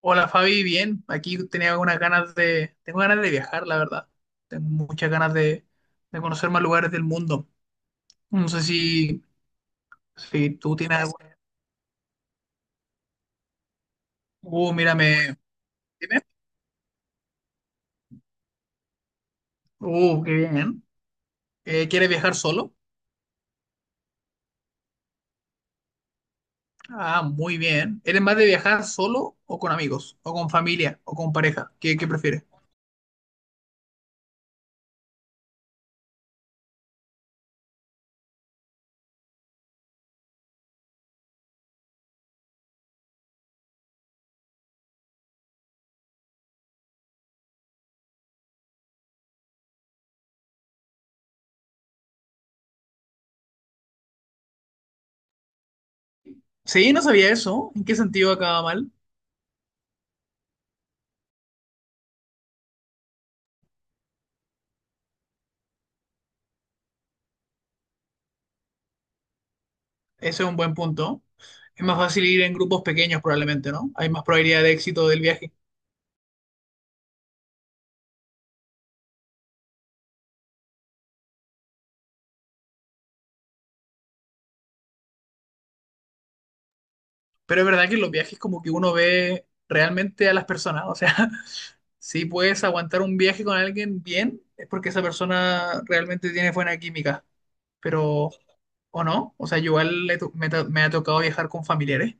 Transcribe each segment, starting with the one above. Hola Fabi, bien. Aquí tenía algunas ganas de, tengo ganas de viajar, la verdad. Tengo muchas ganas de conocer más lugares del mundo. No sé si, si tú tienes alguna. Mírame. ¿Dime? Qué bien. ¿Quieres viajar solo? Ah, muy bien. ¿Eres más de viajar solo o con amigos? ¿O con familia? ¿O con pareja? Qué prefieres? Sí, no sabía eso. ¿En qué sentido acaba mal? Ese es un buen punto. Es más fácil ir en grupos pequeños probablemente, ¿no? Hay más probabilidad de éxito del viaje. Pero es verdad que en los viajes como que uno ve realmente a las personas. O sea, si puedes aguantar un viaje con alguien bien, es porque esa persona realmente tiene buena química. Pero, ¿o no? O sea, yo igual le to- me ha tocado viajar con familiares,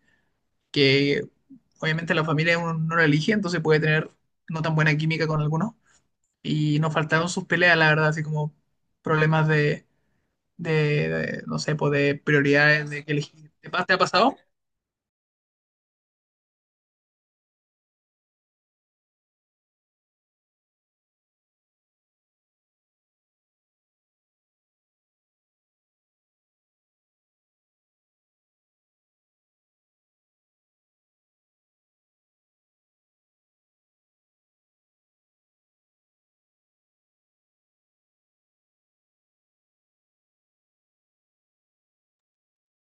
que obviamente la familia uno no la elige, entonces puede tener no tan buena química con algunos. Y nos faltaron sus peleas, la verdad, así como problemas de, no sé, pues de prioridades, de que elegir. Te ha pasado?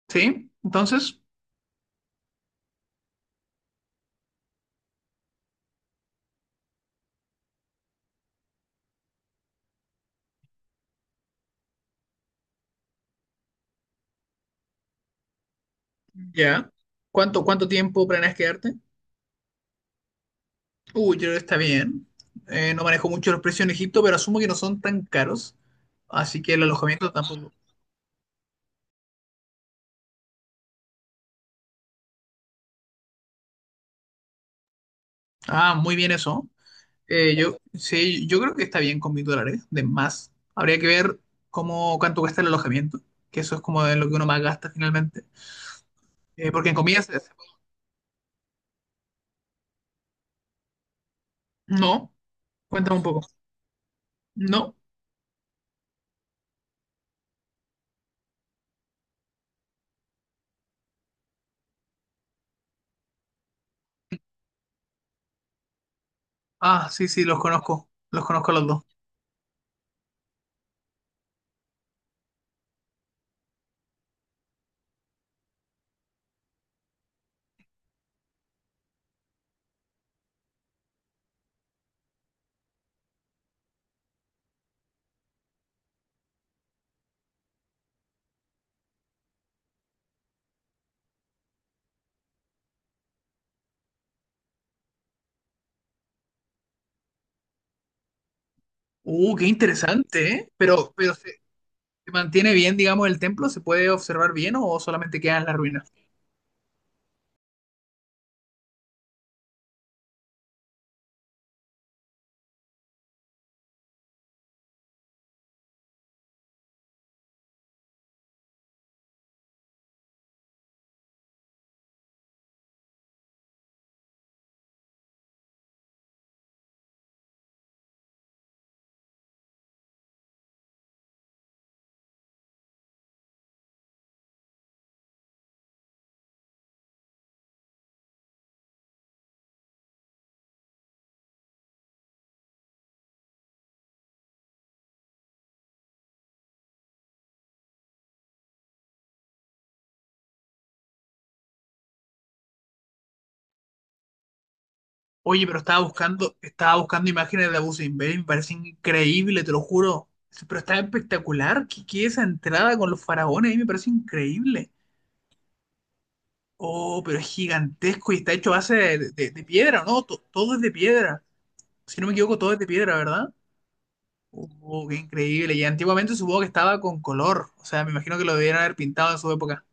Sí, entonces... Ya. Cuánto tiempo planeas quedarte? Uy, yo creo que está bien. No manejo mucho los precios en Egipto, pero asumo que no son tan caros. Así que el alojamiento tampoco. Ah, muy bien eso. Sí, yo creo que está bien con $1000 de más. Habría que ver cómo, cuánto cuesta el alojamiento, que eso es como de lo que uno más gasta finalmente. Porque en comidas. No, cuéntame un poco. No. Ah, sí, sí, los conozco. Los conozco a los dos. Qué interesante, ¿eh? Pero sí, ¿se mantiene bien, digamos, el templo? ¿Se puede observar bien o solamente quedan las ruinas? Oye, pero estaba buscando imágenes de Abu Simbel, me parece increíble, te lo juro. Pero está espectacular. Qué esa entrada con los faraones? Ahí me parece increíble. Oh, pero es gigantesco y está hecho a base de piedra, ¿no? Todo es de piedra. Si no me equivoco, todo es de piedra, ¿verdad? Oh, qué increíble. Y antiguamente supongo que estaba con color. O sea, me imagino que lo debieron haber pintado en su época.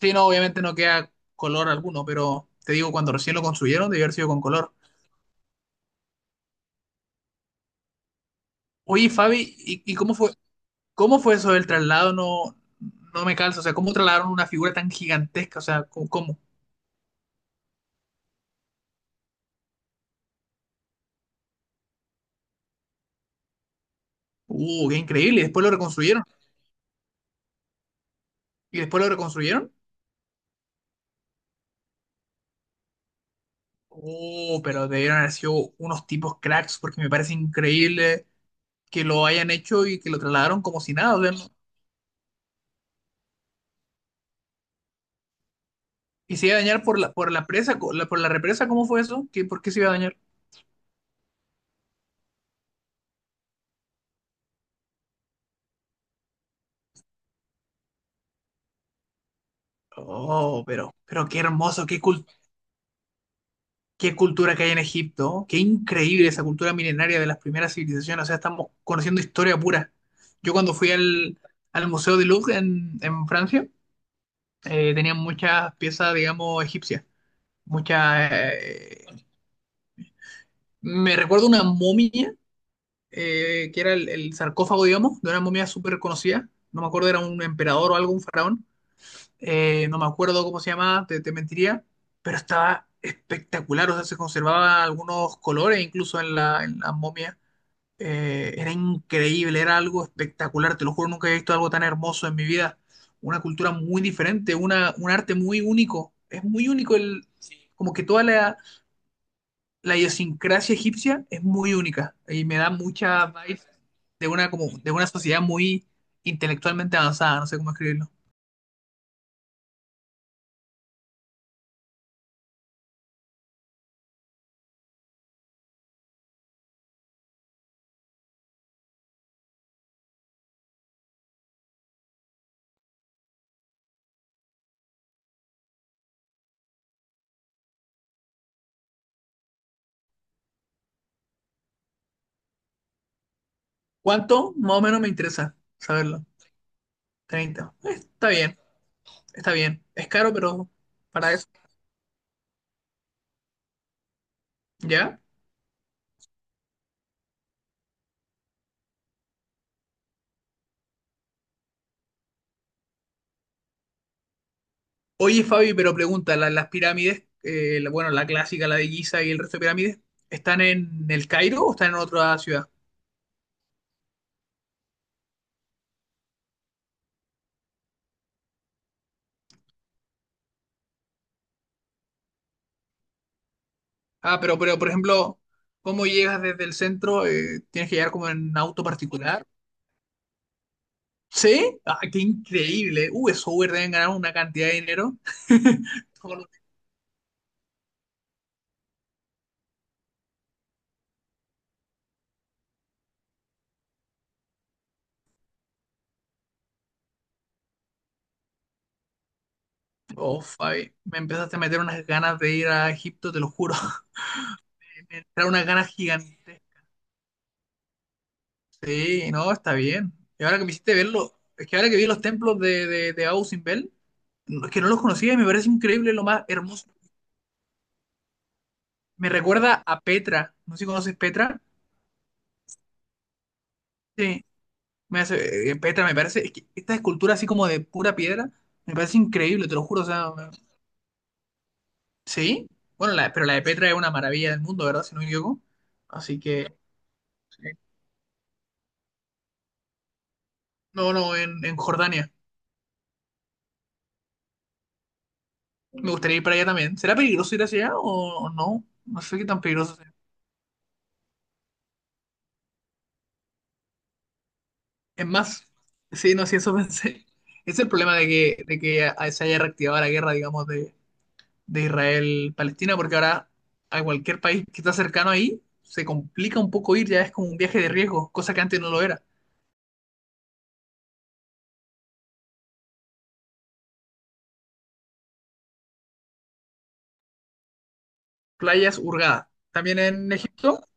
Sí, no, obviamente no queda color alguno, pero te digo, cuando recién lo construyeron, debió haber sido con color. Oye, Fabi, y cómo fue eso del traslado? No, no me calza, o sea, ¿cómo trasladaron una figura tan gigantesca? O sea, ¿cómo? ¿cómo? Qué increíble, y después lo reconstruyeron. ¿Y después lo reconstruyeron? Oh, pero debieron haber sido unos tipos cracks, porque me parece increíble que lo hayan hecho y que lo trasladaron como si nada. O sea, no. Y se iba a dañar por la presa, por la represa, ¿cómo fue eso? ¿Qué, por qué se iba a dañar? Oh, pero qué hermoso, qué cultura, qué cultura que hay en Egipto, qué increíble esa cultura milenaria de las primeras civilizaciones, o sea, estamos conociendo historia pura. Yo cuando fui al, al Museo de Louvre en Francia, tenían muchas piezas, digamos, egipcias, muchas... me recuerdo una momia, que era el sarcófago, digamos, de una momia súper conocida, no me acuerdo, era un emperador o algo, un faraón, no me acuerdo cómo se llamaba, te mentiría, pero estaba espectacular, o sea, se conservaban algunos colores incluso en la momia. Era increíble, era algo espectacular, te lo juro, nunca había visto algo tan hermoso en mi vida. Una cultura muy diferente, una, un arte muy único. Es muy único el, como que toda la, la idiosincrasia egipcia es muy única y me da mucha vibe de una, como, de una sociedad muy intelectualmente avanzada, no sé cómo escribirlo. ¿Cuánto? Más o menos me interesa saberlo. 30. Está bien, está bien. Es caro, pero para eso. ¿Ya? Oye, Fabi, pero pregunta, las pirámides, bueno, la clásica, la de Giza y el resto de pirámides, están en el Cairo o están en otra ciudad? Ah, pero por ejemplo, ¿cómo llegas desde el centro? ¿Tienes que llegar como en auto particular? ¿Sí? Ah, qué increíble. Esos Uber deben ganar una cantidad de dinero. Oh, Fabi, me empezaste a meter unas ganas de ir a Egipto, te lo juro. Me entraron unas ganas gigantes. Sí, no, está bien. Y ahora que me hiciste verlo, es que ahora que vi los templos de Abu Simbel, no, es que no los conocía y me parece increíble, lo más hermoso. Me recuerda a Petra. No sé si conoces Petra. Sí, me hace, Petra me parece, es que esta escultura así como de pura piedra, me parece increíble, te lo juro. O sea, me- sí, bueno, la, pero la de Petra es una maravilla del mundo, ¿verdad? Si no me equivoco. Así que, sí. No, no, en Jordania. Me gustaría ir para allá también. ¿Será peligroso ir hacia allá o no? No sé qué tan peligroso. Es más, sí, no, sí, eso pensé. Es el problema de que se haya reactivado la guerra, digamos, de Israel-Palestina, porque ahora a cualquier país que está cercano ahí se complica un poco ir, ya es como un viaje de riesgo, cosa que antes no lo era. Playas Hurgada, también en Egipto.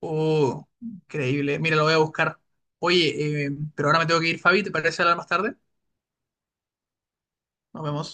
Oh, increíble. Mira, lo voy a buscar. Oye, pero ahora me tengo que ir, Fabi, ¿te parece hablar más tarde? Nos vemos.